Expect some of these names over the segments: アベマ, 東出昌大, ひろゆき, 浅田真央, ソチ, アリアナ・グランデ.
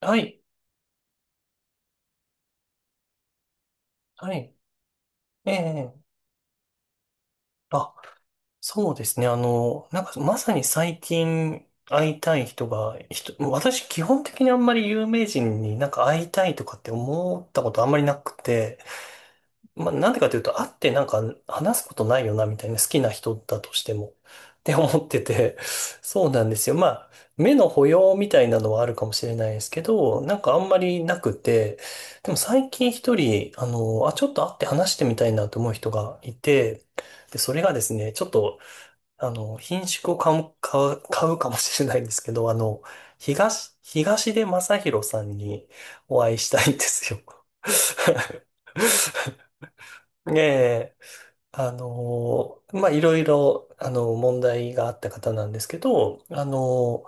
はい、はい、ええ、あ、そうですね。まさに最近会いたい人が、私基本的にあんまり有名人になんか会いたいとかって思ったことあんまりなくて、なんでかというと、会ってなんか話すことないよな、みたいな好きな人だとしても、って思ってて、そうなんですよ。目の保養みたいなのはあるかもしれないですけど、なんかあんまりなくて、でも最近一人、ちょっと会って話してみたいなと思う人がいて、で、それがですね、ちょっと、品種を買う、買うかもしれないんですけど、東出昌大さんにお会いしたいんですよ。ええ、いろいろ、問題があった方なんですけど、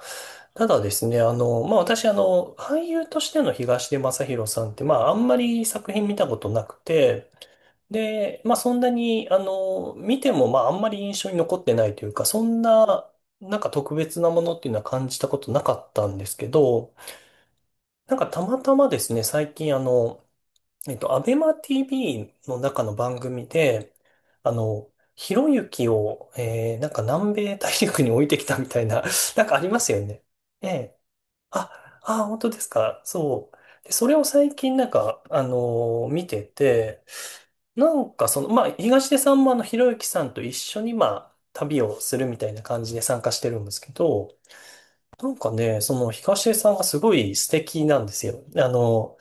ただですね、私、俳優としての東出昌大さんって、あんまり作品見たことなくて、で、そんなに、見ても、あんまり印象に残ってないというか、そんな、なんか特別なものっていうのは感じたことなかったんですけど、なんかたまたまですね、最近、アベマ TV の中の番組で、ひろゆきを、なんか南米大陸に置いてきたみたいな、なんかありますよね。ええ。あ、本当ですか。そう。で、それを最近なんか、見てて、なんかその、東出さんもひろゆきさんと一緒に、旅をするみたいな感じで参加してるんですけど、なんかね、その東出さんがすごい素敵なんですよ。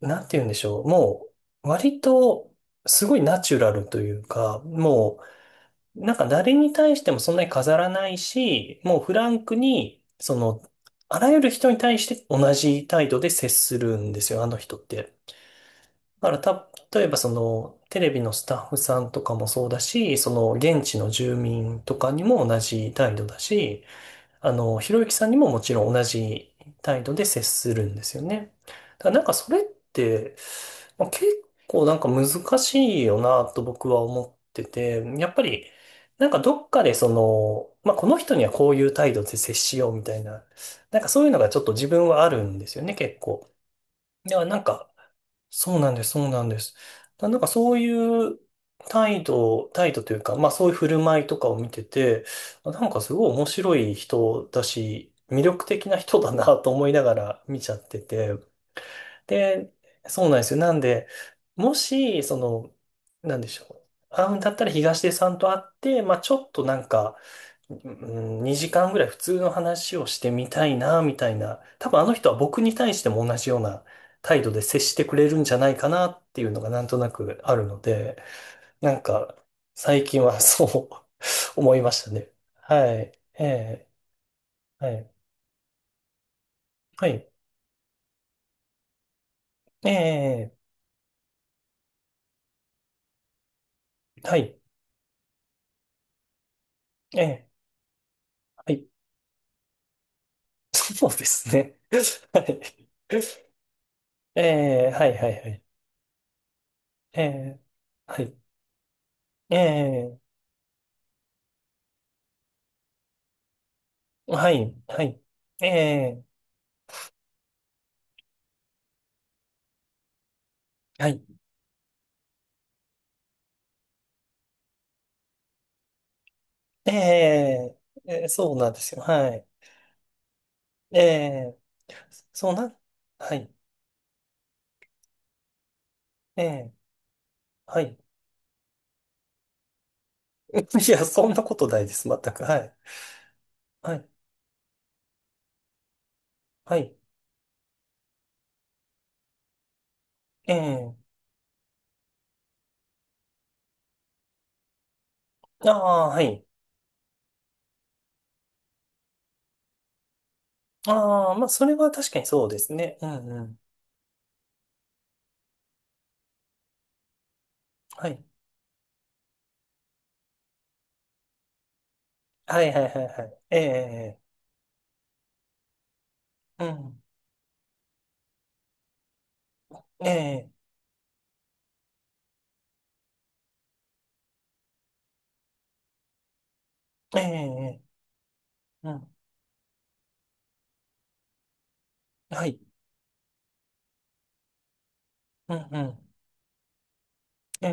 なんて言うんでしょう。もう、割と、すごいナチュラルというか、もう、なんか誰に対してもそんなに飾らないし、もうフランクに、その、あらゆる人に対して同じ態度で接するんですよ、あの人って。だから、例えばその、テレビのスタッフさんとかもそうだし、その、現地の住民とかにも同じ態度だし、ひろゆきさんにももちろん同じ態度で接するんですよね。だからなんかそれって、結構なんか難しいよなと僕は思ってて、やっぱりなんかどっかでその、この人にはこういう態度で接しようみたいな、なんかそういうのがちょっと自分はあるんですよね、結構。では、なんか、そうなんです、そうなんです。だなんかそういう態度というか、そういう振る舞いとかを見てて、あなんかすごい面白い人だし、魅力的な人だなと思いながら見ちゃってて。で、そうなんですよ。なんで、もし、その、なんでしょう。会うんだったら東出さんと会って、ちょっとなんか、うん2時間ぐらい普通の話をしてみたいな、みたいな。多分あの人は僕に対しても同じような態度で接してくれるんじゃないかなっていうのがなんとなくあるので、なんか最近はそう 思いましたね。はい。ええ、はい。はい。ええ、はい。ええ、はい。そうですね。はい。ええ、はい、はい、はい。ええ、はい。ええ、はい、はい。ええ、はい。ええええそうなんですよ。はい。ええそうな、はい。ええはい。いや、そんなことないです。全く。はい。はい。はい。ええああ、はい。ああ、それは確かにそうですね。うんうん。はい。はいはいはいはい。ええうん。ええええうん。はい。うんうん。ええ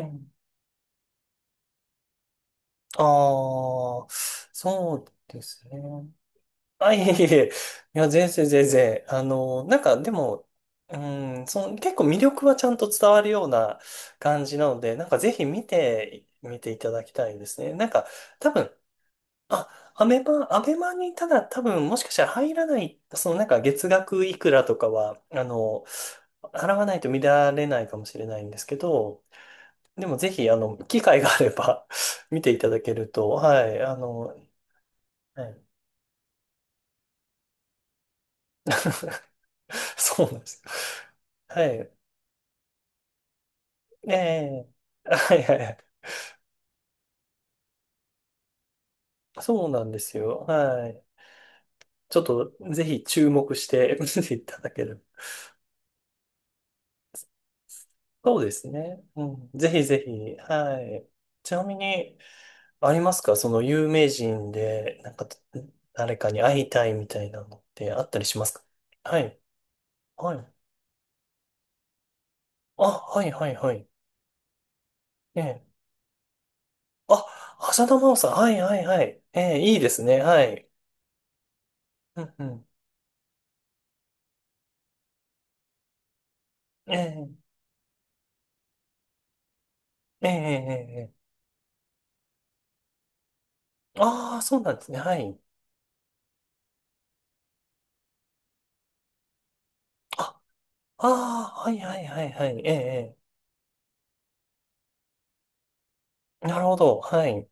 ああ、そうですね。あ、いえいえいえ。いや、全然全然。なんかでも、うん、その、結構魅力はちゃんと伝わるような感じなので、なんかぜひ見て、見ていただきたいですね。なんか、多分、あ、アベマにただ多分もしかしたら入らない、そのなんか月額いくらとかは、払わないと見られないかもしれないんですけど、でもぜひ、機会があれば 見ていただけると、はい、はい、そうなんです。はい。ええ。はいはいはい。そうなんですよ。はい。ちょっと、ぜひ注目して 見ていただける。そうですね。うん。ぜひぜひ。はい。ちなみに、ありますかその有名人で、なんか、誰かに会いたいみたいなのってあったりしますか？はい。はい。あ、はいはいはい。ええ。あ、浅田真央さん。はいはいはい。ええ、いいですね。はい。うんうん。ええ、ええ、ええ、ええ。ああ、そうなんですね。はい。ああ、はいはいはいはい。ええ、ええなるほど。はい。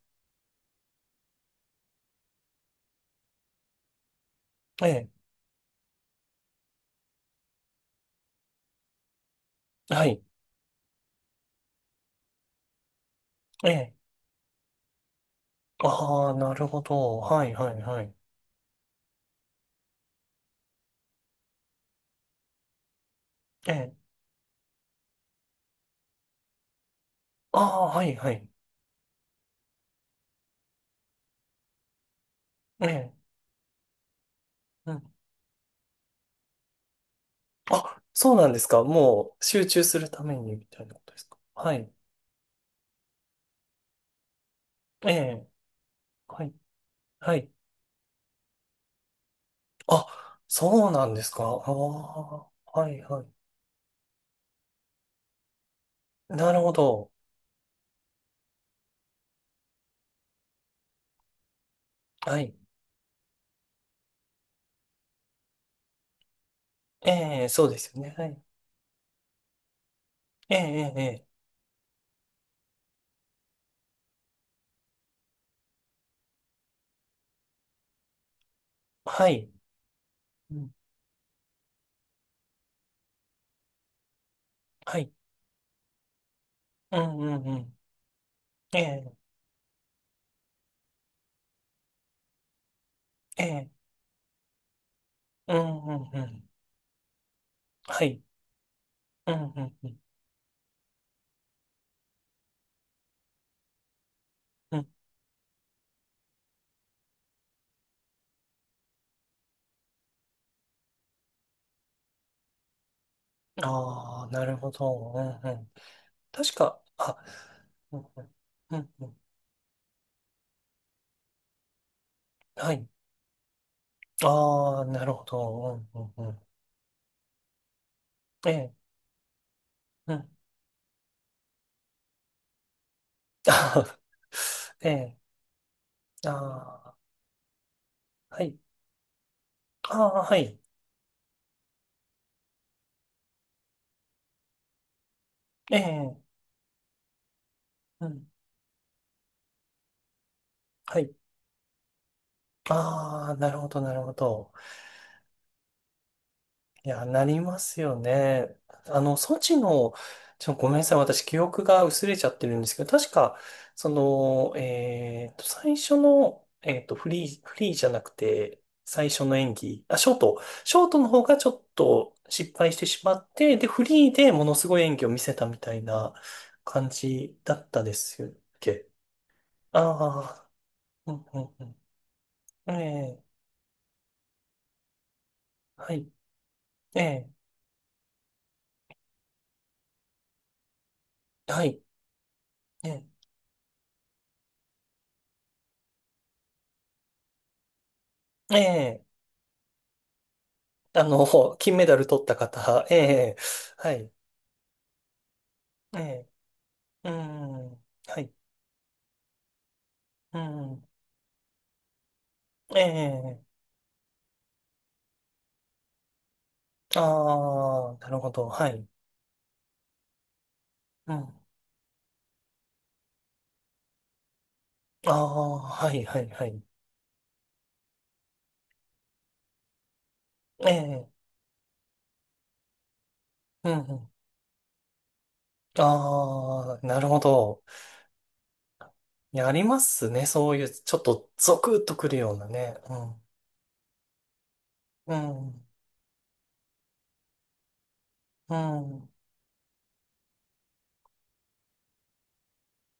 ええ、はい。ええ。ああ、なるほど。はいはいはい。ええ。ああ、はいはい。ええ。うん。あ、そうなんですか。もう集中するためにみたいなことですか？はい。ええ。はい。はい。あ、そうなんですか。ああ、はいはい。なるほど。はい。ええ、そうですよね。はい。ええ、ええ、ええはい。うんはい。うんうんうん。ええ、ええ。うんうんうんはい。うん、うん、うん。うんああ、なるほど。うん、うん。確か、あ、うん、うん、うん。うんはい。ああ、なるほど。うん、うん、うん。ええ、うん。あーええ、ああ、はい。ああ、はい。ええ、うん。はい。ああ、なるほど、なるほど。いや、なりますよね。ソチの、ごめんなさい。私、記憶が薄れちゃってるんですけど、確か、その、最初の、フリー、フリーじゃなくて、最初の演技、あ、ショート。ショートの方がちょっと失敗してしまって、で、フリーでものすごい演技を見せたみたいな感じだったですっけ？ああー、うん、うん、うん。ええ、はい、ええ、はい、ええ、ええ。あの、金メダル取った方、ええ、はい、ええ、うん、はい、うん、ええ、ああ、なるほど、はい、うん、ああ、はい、はい、はい、ええ、うん、ああ、なるほど。いや、ありますね、そういう、ちょっとゾクッとくるようなね、うん、うん、うん、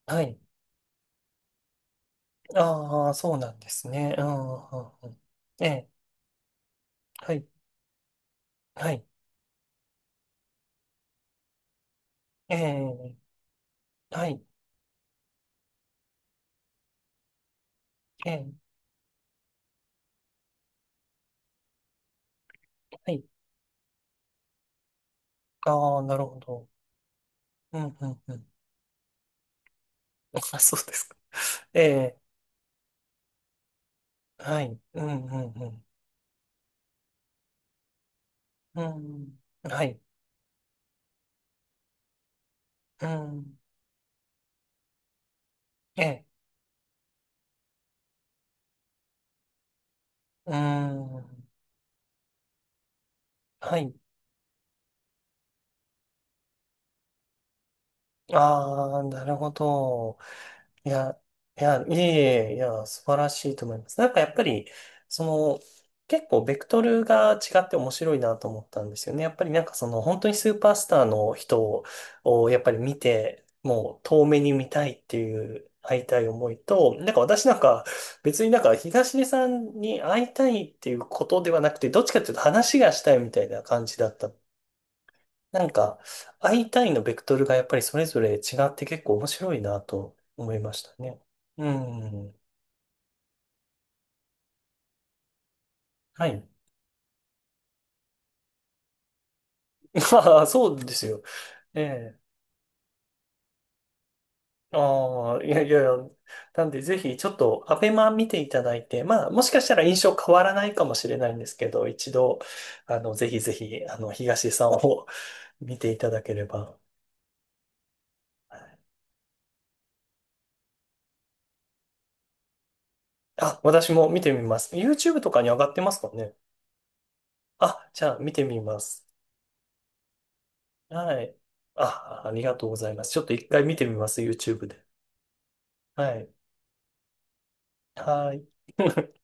はい、ああ、そうなんですね、うん、うんうんええ、はい、はい、ええ、はい、ええ、はいああ、なるほど。うん、うん、うん。あ、そうですか。ええ、はい。うん、うん、うん。うん、はい。うん、ええ、うん。はい。ああ、なるほど。いや、いや、いえいえ、いや、素晴らしいと思います。なんかやっぱり、その、結構ベクトルが違って面白いなと思ったんですよね。やっぱりなんかその、本当にスーパースターの人をやっぱり見て、もう遠目に見たいっていう会いたい思いと、なんか私なんか別になんか東出さんに会いたいっていうことではなくて、どっちかっていうと話がしたいみたいな感じだったなんか、会いのベクトルがやっぱりそれぞれ違って結構面白いなと思いましたね。うん。はい。そうですよ。ええ。ああ、いやいやいや。なんで、ぜひ、ちょっと、アベマ見ていただいて、もしかしたら印象変わらないかもしれないんですけど、一度、ぜひぜひ、東さんを 見ていただければ。はい。あ、私も見てみます。YouTube とかに上がってますかね？あ、じゃあ、見てみます。はい。あ、ありがとうございます。ちょっと一回見てみます、YouTube で。はい。はい。